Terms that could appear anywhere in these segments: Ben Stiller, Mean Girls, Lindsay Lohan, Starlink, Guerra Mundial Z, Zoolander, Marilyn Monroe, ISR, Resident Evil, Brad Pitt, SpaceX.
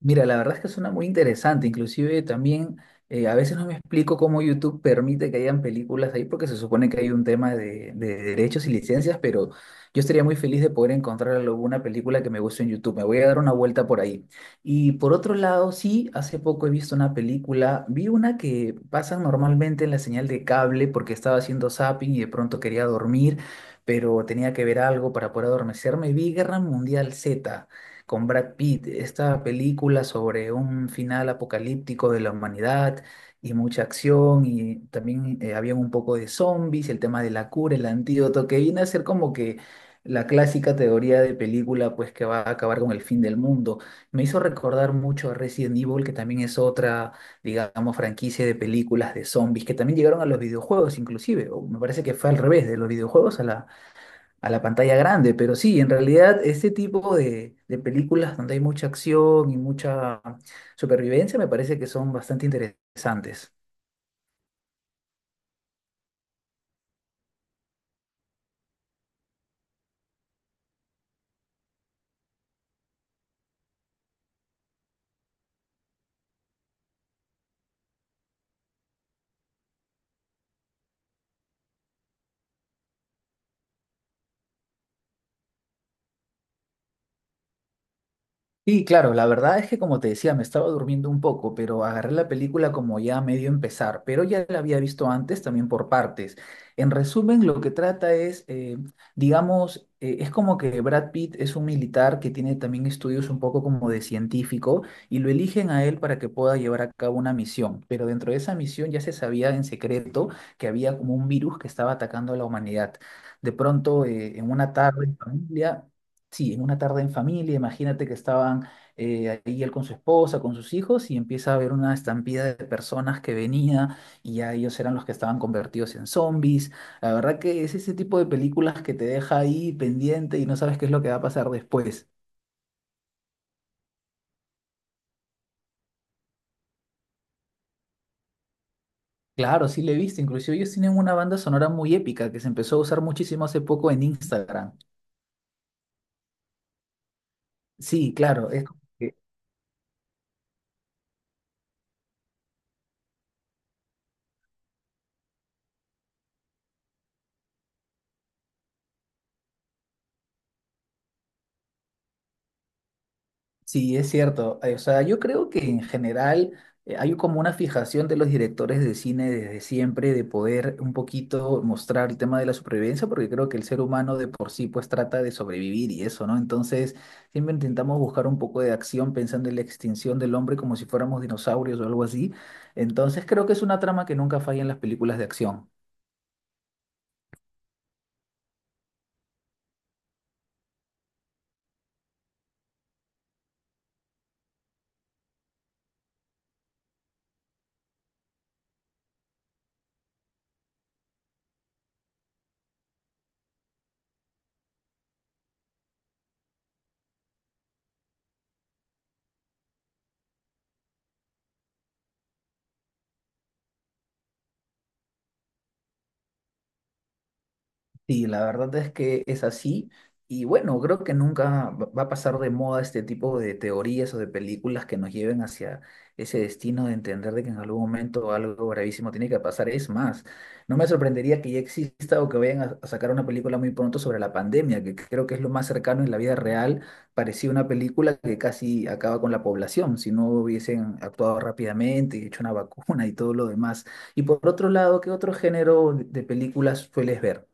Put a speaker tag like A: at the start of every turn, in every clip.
A: Mira, la verdad es que suena muy interesante. Inclusive también a veces no me explico cómo YouTube permite que hayan películas ahí porque se supone que hay un tema de derechos y licencias, pero yo estaría muy feliz de poder encontrar alguna película que me guste en YouTube. Me voy a dar una vuelta por ahí. Y por otro lado, sí, hace poco he visto una película, vi una que pasan normalmente en la señal de cable porque estaba haciendo zapping y de pronto quería dormir, pero tenía que ver algo para poder adormecerme. Vi Guerra Mundial Z con Brad Pitt, esta película sobre un final apocalíptico de la humanidad y mucha acción y también había un poco de zombies, el tema de la cura, el antídoto, que viene a ser como que la clásica teoría de película pues que va a acabar con el fin del mundo. Me hizo recordar mucho a Resident Evil, que también es otra, digamos, franquicia de películas de zombies, que también llegaron a los videojuegos inclusive, o me parece que fue al revés, de los videojuegos a la pantalla grande, pero sí, en realidad este tipo de películas donde hay mucha acción y mucha supervivencia me parece que son bastante interesantes. Y claro, la verdad es que como te decía, me estaba durmiendo un poco, pero agarré la película como ya a medio empezar, pero ya la había visto antes también por partes. En resumen, lo que trata es, digamos, es como que Brad Pitt es un militar que tiene también estudios un poco como de científico y lo eligen a él para que pueda llevar a cabo una misión, pero dentro de esa misión ya se sabía en secreto que había como un virus que estaba atacando a la humanidad. De pronto, en una tarde en familia, sí, en una tarde en familia, imagínate que estaban ahí él con su esposa, con sus hijos, y empieza a haber una estampida de personas que venía y ya ellos eran los que estaban convertidos en zombies. La verdad que es ese tipo de películas que te deja ahí pendiente y no sabes qué es lo que va a pasar después. Claro, sí le he visto, inclusive ellos tienen una banda sonora muy épica que se empezó a usar muchísimo hace poco en Instagram. Sí, claro, es... Sí, es cierto. O sea, yo creo que en general hay como una fijación de los directores de cine desde siempre de poder un poquito mostrar el tema de la supervivencia, porque creo que el ser humano de por sí pues trata de sobrevivir y eso, ¿no? Entonces, siempre intentamos buscar un poco de acción pensando en la extinción del hombre como si fuéramos dinosaurios o algo así. Entonces, creo que es una trama que nunca falla en las películas de acción. Sí, la verdad es que es así. Y bueno, creo que nunca va a pasar de moda este tipo de teorías o de películas que nos lleven hacia ese destino de entender de que en algún momento algo gravísimo tiene que pasar. Es más, no me sorprendería que ya exista o que vayan a sacar una película muy pronto sobre la pandemia, que creo que es lo más cercano en la vida real. Parecía una película que casi acaba con la población, si no hubiesen actuado rápidamente y hecho una vacuna y todo lo demás. Y por otro lado, ¿qué otro género de películas sueles ver?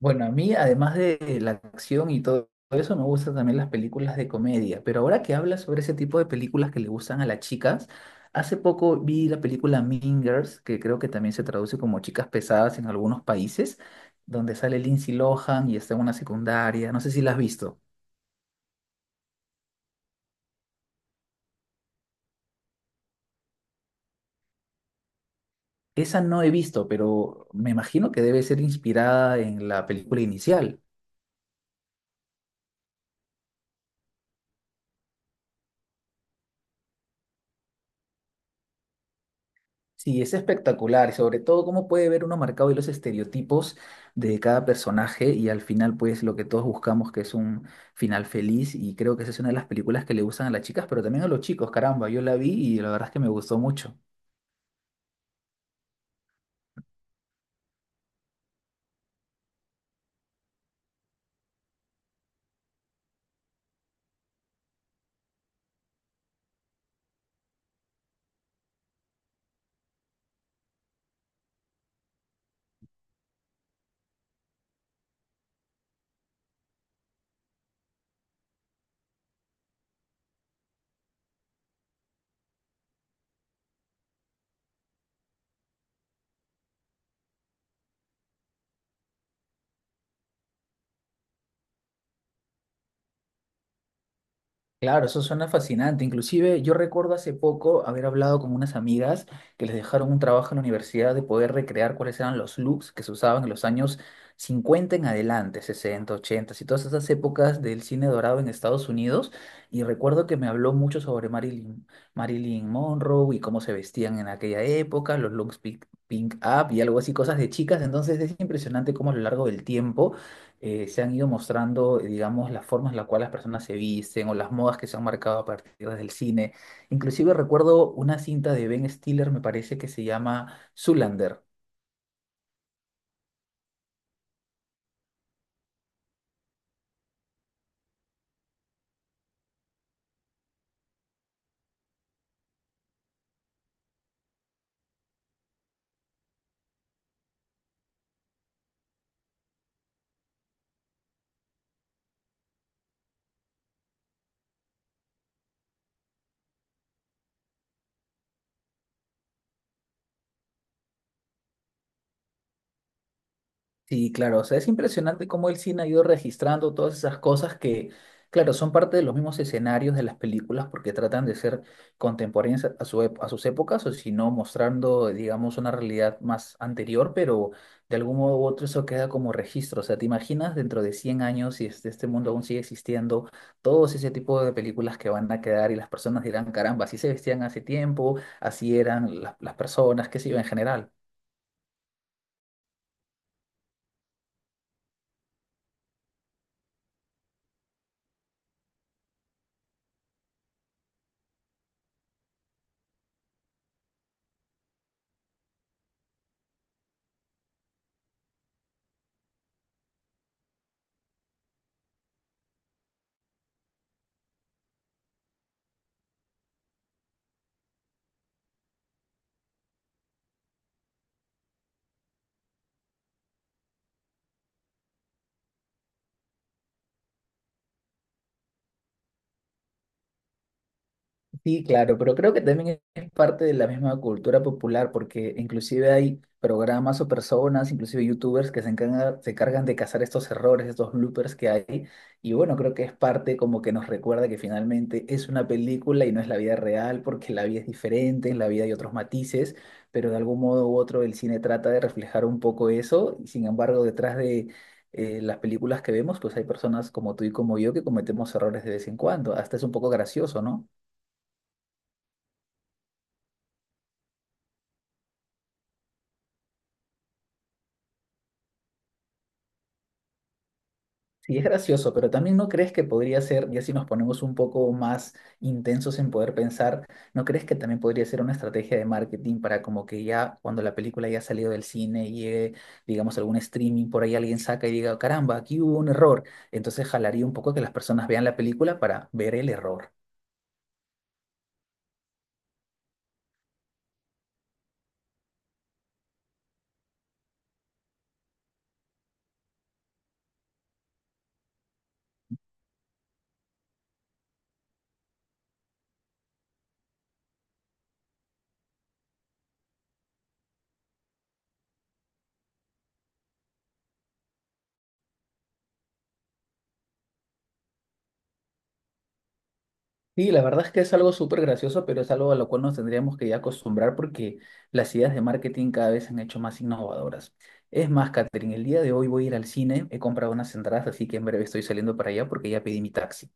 A: Bueno, a mí, además de la acción y todo eso, me gustan también las películas de comedia. Pero ahora que hablas sobre ese tipo de películas que le gustan a las chicas, hace poco vi la película Mean Girls, que creo que también se traduce como Chicas Pesadas en algunos países, donde sale Lindsay Lohan y está en una secundaria. No sé si la has visto. Esa no he visto, pero me imagino que debe ser inspirada en la película inicial. Sí, es espectacular, y sobre todo cómo puede ver uno marcado y los estereotipos de cada personaje y al final pues lo que todos buscamos que es un final feliz y creo que esa es una de las películas que le gustan a las chicas, pero también a los chicos, caramba, yo la vi y la verdad es que me gustó mucho. Claro, eso suena fascinante. Inclusive yo recuerdo hace poco haber hablado con unas amigas que les dejaron un trabajo en la universidad de poder recrear cuáles eran los looks que se usaban en los años 50 en adelante, 60, 80, y todas esas épocas del cine dorado en Estados Unidos. Y recuerdo que me habló mucho sobre Marilyn, Marilyn Monroe y cómo se vestían en aquella época, los looks pink, pink up y algo así, cosas de chicas. Entonces es impresionante cómo a lo largo del tiempo se han ido mostrando, digamos, las formas en las cuales las personas se visten o las modas que se han marcado a partir del cine. Inclusive recuerdo una cinta de Ben Stiller, me parece que se llama Zoolander. Sí, claro, o sea, es impresionante cómo el cine ha ido registrando todas esas cosas que, claro, son parte de los mismos escenarios de las películas porque tratan de ser contemporáneas a su, ep- a sus épocas o si no, mostrando, digamos, una realidad más anterior, pero de algún modo u otro eso queda como registro. O sea, ¿te imaginas dentro de 100 años si este, este mundo aún sigue existiendo, todos ese tipo de películas que van a quedar y las personas dirán, caramba, así se vestían hace tiempo, así eran las personas, qué sé yo, en general? Sí, claro, pero creo que también es parte de la misma cultura popular, porque inclusive hay programas o personas, inclusive youtubers, que se encargan de cazar estos errores, estos bloopers que hay. Y bueno, creo que es parte como que nos recuerda que finalmente es una película y no es la vida real, porque la vida es diferente, en la vida hay otros matices, pero de algún modo u otro el cine trata de reflejar un poco eso. Y sin embargo, detrás de... las películas que vemos, pues hay personas como tú y como yo que cometemos errores de vez en cuando. Hasta es un poco gracioso, ¿no? Sí, es gracioso, pero también no crees que podría ser, ya si nos ponemos un poco más intensos en poder pensar, ¿no crees que también podría ser una estrategia de marketing para como que ya cuando la película ya ha salido del cine y llegue, digamos, algún streaming, por ahí alguien saca y diga, caramba, aquí hubo un error? Entonces jalaría un poco que las personas vean la película para ver el error. Sí, la verdad es que es algo súper gracioso, pero es algo a lo cual nos tendríamos que ya acostumbrar porque las ideas de marketing cada vez se han hecho más innovadoras. Es más, Catherine, el día de hoy voy a ir al cine, he comprado unas entradas, así que en breve estoy saliendo para allá porque ya pedí mi taxi.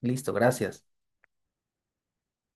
A: Listo, gracias.